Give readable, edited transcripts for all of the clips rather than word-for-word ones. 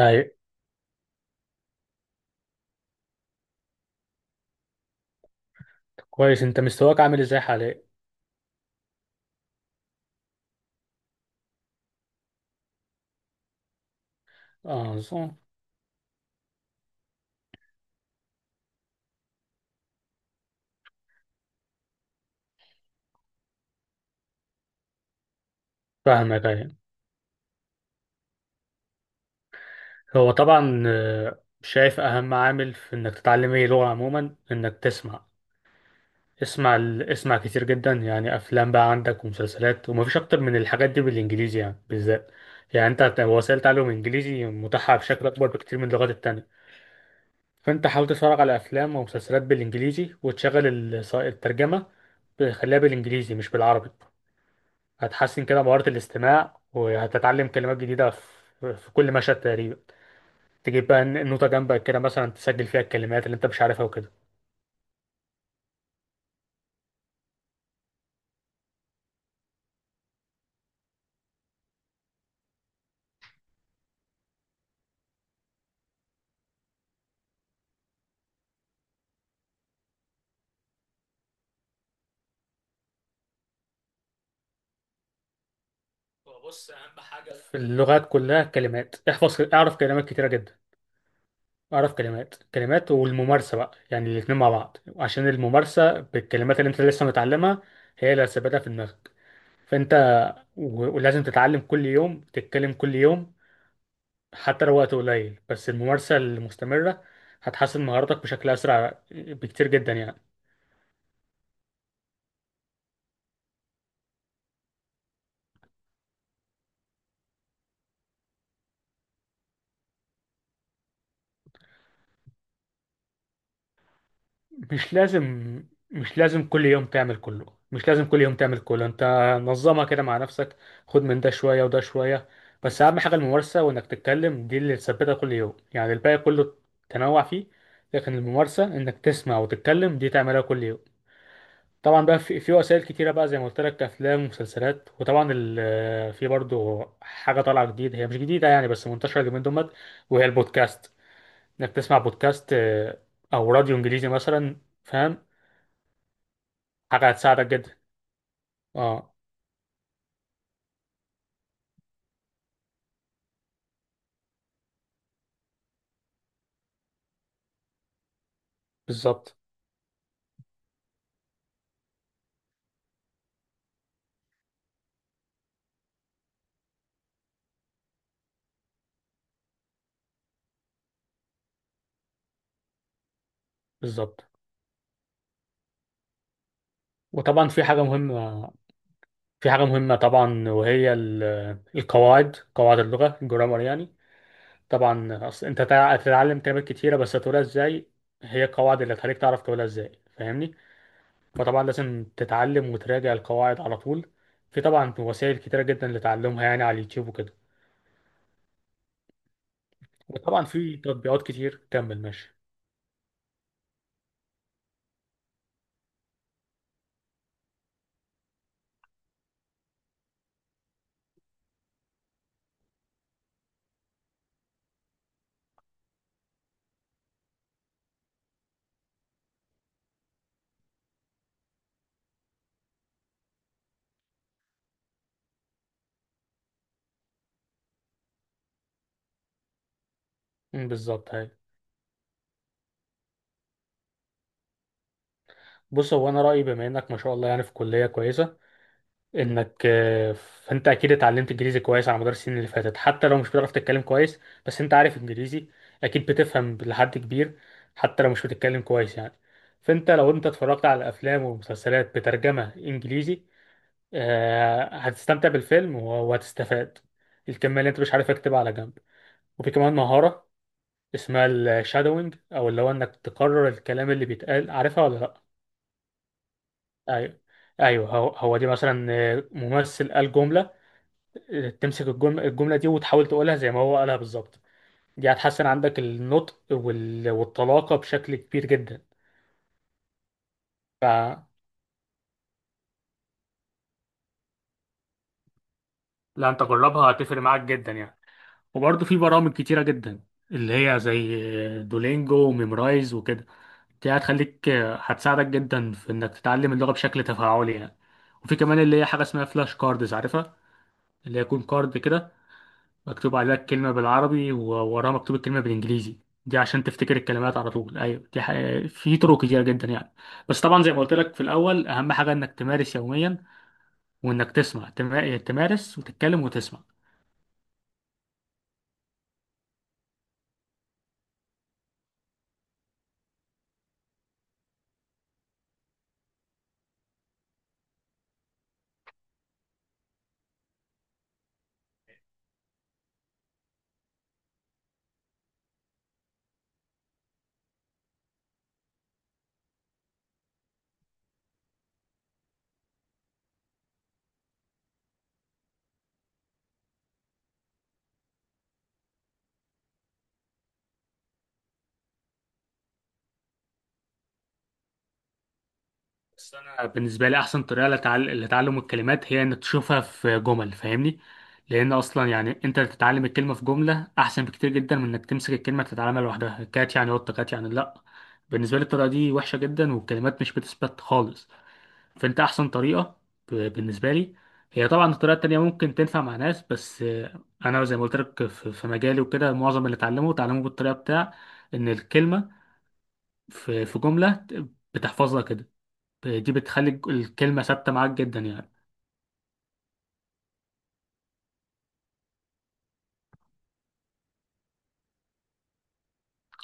أي، كويس أنت مستواك عامل إزاي حاليا؟ آه صح. فاهمك أي. هو طبعا، شايف أهم عامل في إنك تتعلم أي لغة عموما إنك تسمع. اسمع كتير جدا، يعني أفلام بقى عندك ومسلسلات، ومفيش أكتر من الحاجات دي بالإنجليزي يعني بالذات. يعني أنت، وسائل تعلم إنجليزي متاحة بشكل أكبر بكتير من اللغات التانية. فأنت حاول تتفرج على أفلام ومسلسلات بالإنجليزي، وتشغل الترجمة. خليها بالإنجليزي مش بالعربي. هتحسن كده مهارة الاستماع، وهتتعلم كلمات جديدة في كل مشهد تقريبا. تجيب بقى النوتة جنبك كده، مثلا تسجل فيها الكلمات اللي انت مش عارفها وكده. في اللغات كلها كلمات. احفظ، اعرف كلمات كتيرة جدا، اعرف كلمات كلمات. والممارسة بقى، يعني الاتنين مع بعض، عشان الممارسة بالكلمات اللي انت لسه متعلمها هي اللي هتثبتها في دماغك. فانت، ولازم تتعلم كل يوم، تتكلم كل يوم. حتى لو وقت قليل، بس الممارسة المستمرة هتحسن مهاراتك بشكل أسرع بكتير جدا يعني. مش لازم مش لازم كل يوم تعمل كله. مش لازم كل يوم تعمل كله انت. نظمها كده مع نفسك، خد من ده شوية وده شوية. بس اهم حاجة الممارسة وانك تتكلم، دي اللي تثبتها كل يوم. يعني الباقي كله تنوع فيه، لكن الممارسة انك تسمع وتتكلم دي تعملها كل يوم. طبعا بقى في وسائل كتيرة بقى، زي ما قلت لك افلام ومسلسلات. وطبعا في برضو حاجة طالعة جديدة، هي مش جديدة يعني بس منتشرة اليومين دول، وهي البودكاست. انك تسمع بودكاست، او راديو انجليزي مثلا، فاهم. حاجة هتساعدك جدا. اه بالظبط. بالظبط. وطبعا في حاجة مهمة، طبعا، وهي القواعد، قواعد اللغة، الجرامر يعني. طبعا أصل أنت، هتتعلم كلمات كتيرة بس هتقولها إزاي؟ هي القواعد اللي هتخليك تعرف تقولها إزاي، فاهمني. فطبعا لازم تتعلم وتراجع القواعد على طول. في طبعا وسائل كتيرة جدا لتعلمها، يعني على اليوتيوب وكده. وطبعا في تطبيقات كتير. كمل ماشي. بالظبط. هاي. بص، هو أنا رأيي، بما إنك ما شاء الله يعني في كلية كويسة، انك، فانت اكيد اتعلمت انجليزي كويس على مدار السنين اللي فاتت، حتى لو مش بتعرف تتكلم كويس بس انت عارف انجليزي، اكيد بتفهم لحد كبير، حتى لو مش بتتكلم كويس يعني. فانت لو انت اتفرجت على افلام ومسلسلات بترجمة انجليزي، هتستمتع بالفيلم وهتستفاد. الكمية اللي انت مش عارف اكتبها على جنب. وفي كمان مهارة اسمها الشادوينج، او اللي هو انك تكرر الكلام اللي بيتقال، عارفها ولا لا؟ ايوه. ايوه، هو هو دي مثلا، ممثل قال جملة، تمسك الجملة دي وتحاول تقولها زي ما هو قالها بالظبط. دي هتحسن عندك النطق وال... والطلاقة بشكل كبير جدا. ف لا انت جربها، هتفرق معاك جدا يعني. وبرضه في برامج كتيرة جدا، اللي هي زي دولينجو وميمرايز وكده. دي هتساعدك جدا في انك تتعلم اللغة بشكل تفاعلي يعني. وفي كمان اللي هي حاجة اسمها فلاش كاردز، عارفها؟ اللي هي يكون كارد كده، مكتوب عليها الكلمة بالعربي ووراها مكتوب الكلمة بالإنجليزي، دي عشان تفتكر الكلمات على طول. أيوة دي حقيقة. في طرق كتيرة جدا يعني. بس طبعا زي ما قلت لك في الأول، أهم حاجة إنك تمارس يوميا، وإنك تسمع، تمارس وتتكلم وتسمع. بس أنا بالنسبة لي أحسن طريقة لتعلم الكلمات هي إنك تشوفها في جمل، فاهمني. لأن أصلا يعني أنت تتعلم الكلمة في جملة أحسن بكتير جدا من إنك تمسك الكلمة تتعلمها لوحدها. كات يعني قطة، كات يعني لأ. بالنسبة لي الطريقة دي وحشة جدا، والكلمات مش بتثبت خالص. فانت احسن طريقه، بالنسبه لي، هي طبعا. الطريقه التانيه ممكن تنفع مع ناس، بس انا زي ما قلت لك في مجالي وكده، معظم اللي اتعلمه اتعلمه بالطريقه بتاع ان الكلمه في جمله، بتحفظها كده. دي بتخلي الكلمه ثابته معاك جدا يعني.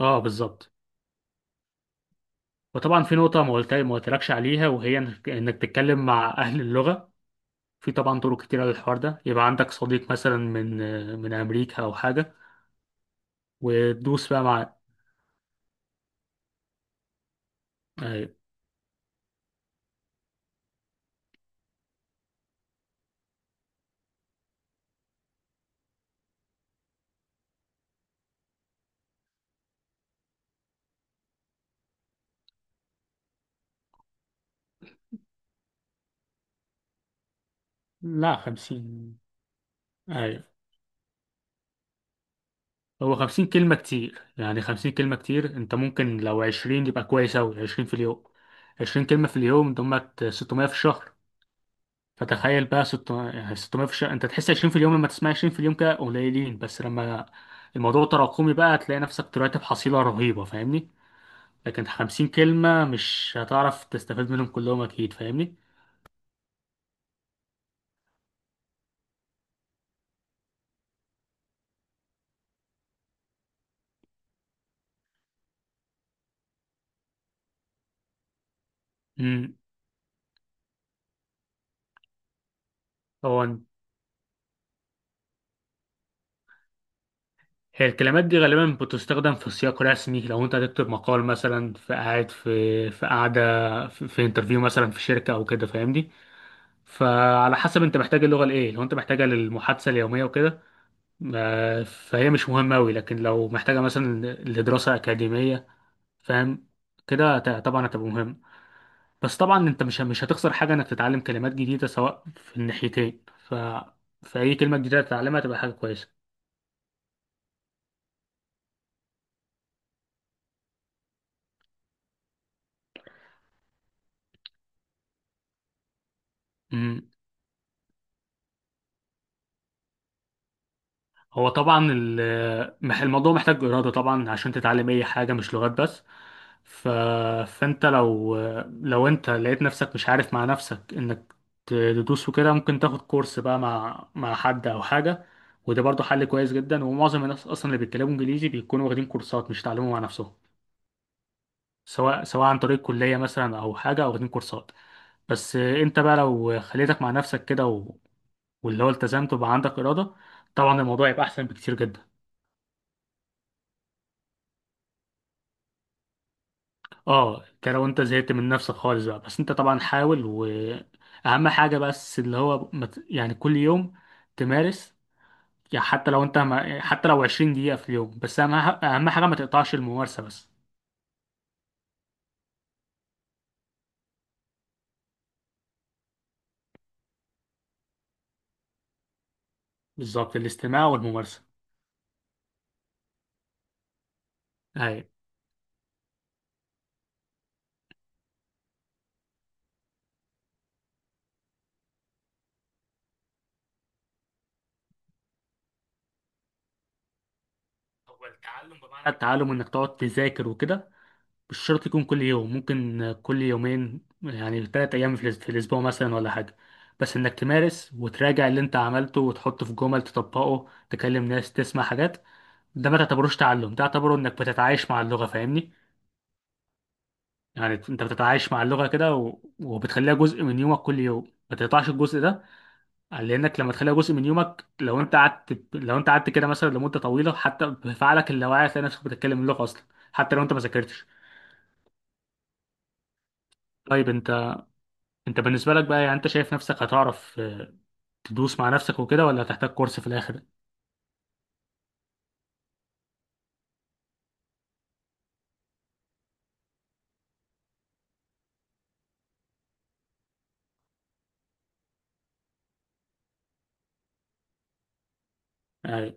اه بالظبط. وطبعا في نقطه ما قلتلكش عليها، وهي إنك تتكلم مع اهل اللغه. في طبعا طرق كتيره للحوار ده، يبقى عندك صديق مثلا من، من امريكا او حاجه، وتدوس بقى مع. أيوة. لا، 50. أيوة. هو 50 كلمة كتير، يعني 50 كلمة كتير. انت ممكن لو 20 يبقى كويس أوي، 20 في اليوم. 20 كلمة في اليوم دمت 600 في الشهر. فتخيل بقى، ست يعني ستمية في الشهر. انت تحس 20 في اليوم، لما تسمع 20 في اليوم كده قليلين، بس لما الموضوع تراكمي بقى هتلاقي نفسك طلعت بحصيلة رهيبة، فاهمني. لكن 50 كلمة مش هتعرف تستفيد منهم كلهم أكيد، فاهمني. مم. هو، هي الكلمات دي غالبا بتستخدم في سياق رسمي. لو انت هتكتب مقال مثلا، في قاعده، في انترفيو مثلا في شركه او كده، فاهمني. فعلى حسب انت محتاج اللغه لايه. لو انت محتاجها للمحادثه اليوميه وكده، فهي مش مهمه قوي. لكن لو محتاجه مثلا لدراسه اكاديميه، فاهم؟ كده طبعا هتبقى مهم. بس طبعا انت مش هتخسر حاجه انك تتعلم كلمات جديده سواء في الناحيتين. فاي كلمه جديده تتعلمها تبقى حاجه كويسه. هو طبعا، الموضوع محتاج إرادة طبعا عشان تتعلم أي حاجة، مش لغات بس. ف... فأنت لو، أنت لقيت نفسك مش عارف مع نفسك إنك تدوس وكده، ممكن تاخد كورس بقى مع حد أو حاجة. وده برضه حل كويس جدا. ومعظم الناس أصلا اللي بيتكلموا إنجليزي بيكونوا واخدين كورسات، مش تعلموا مع نفسهم، سواء عن طريق كلية مثلا أو حاجة، أو واخدين كورسات. بس أنت بقى لو خليتك مع نفسك كده، واللي هو التزمت وبقى عندك إرادة، طبعا الموضوع يبقى أحسن بكتير جدا. اه، انت لو انت زهقت من نفسك خالص بقى. بس انت طبعا حاول، واهم حاجه بس اللي هو يعني كل يوم تمارس. يعني حتى لو انت ما... حتى لو 20 دقيقه في اليوم، بس اهم حاجه ما تقطعش الممارسه بس. بالظبط، الاستماع والممارسه. ايوه. هو التعلم بمعنى التعلم انك تقعد تذاكر وكده، مش شرط يكون كل يوم، ممكن كل يومين يعني 3 ايام في الاسبوع مثلا، ولا حاجه. بس انك تمارس وتراجع اللي انت عملته وتحطه في جمل، تطبقه، تكلم ناس، تسمع حاجات. ده ما تعتبروش تعلم، ده تعتبره انك بتتعايش مع اللغة، فاهمني. يعني انت بتتعايش مع اللغة كده، و... وبتخليها جزء من يومك كل يوم. ما تقطعش الجزء ده، لانك لما تخليها جزء من يومك، لو انت قعدت كده مثلا لمدة طويلة، حتى بفعلك اللاواعي هتلاقي نفسك بتتكلم اللغة اصلا، حتى لو انت ما ذاكرتش. طيب انت، بالنسبة لك بقى، يعني انت شايف نفسك هتعرف تدوس مع نفسك وكده، ولا هتحتاج كورس في الاخر؟ يعني.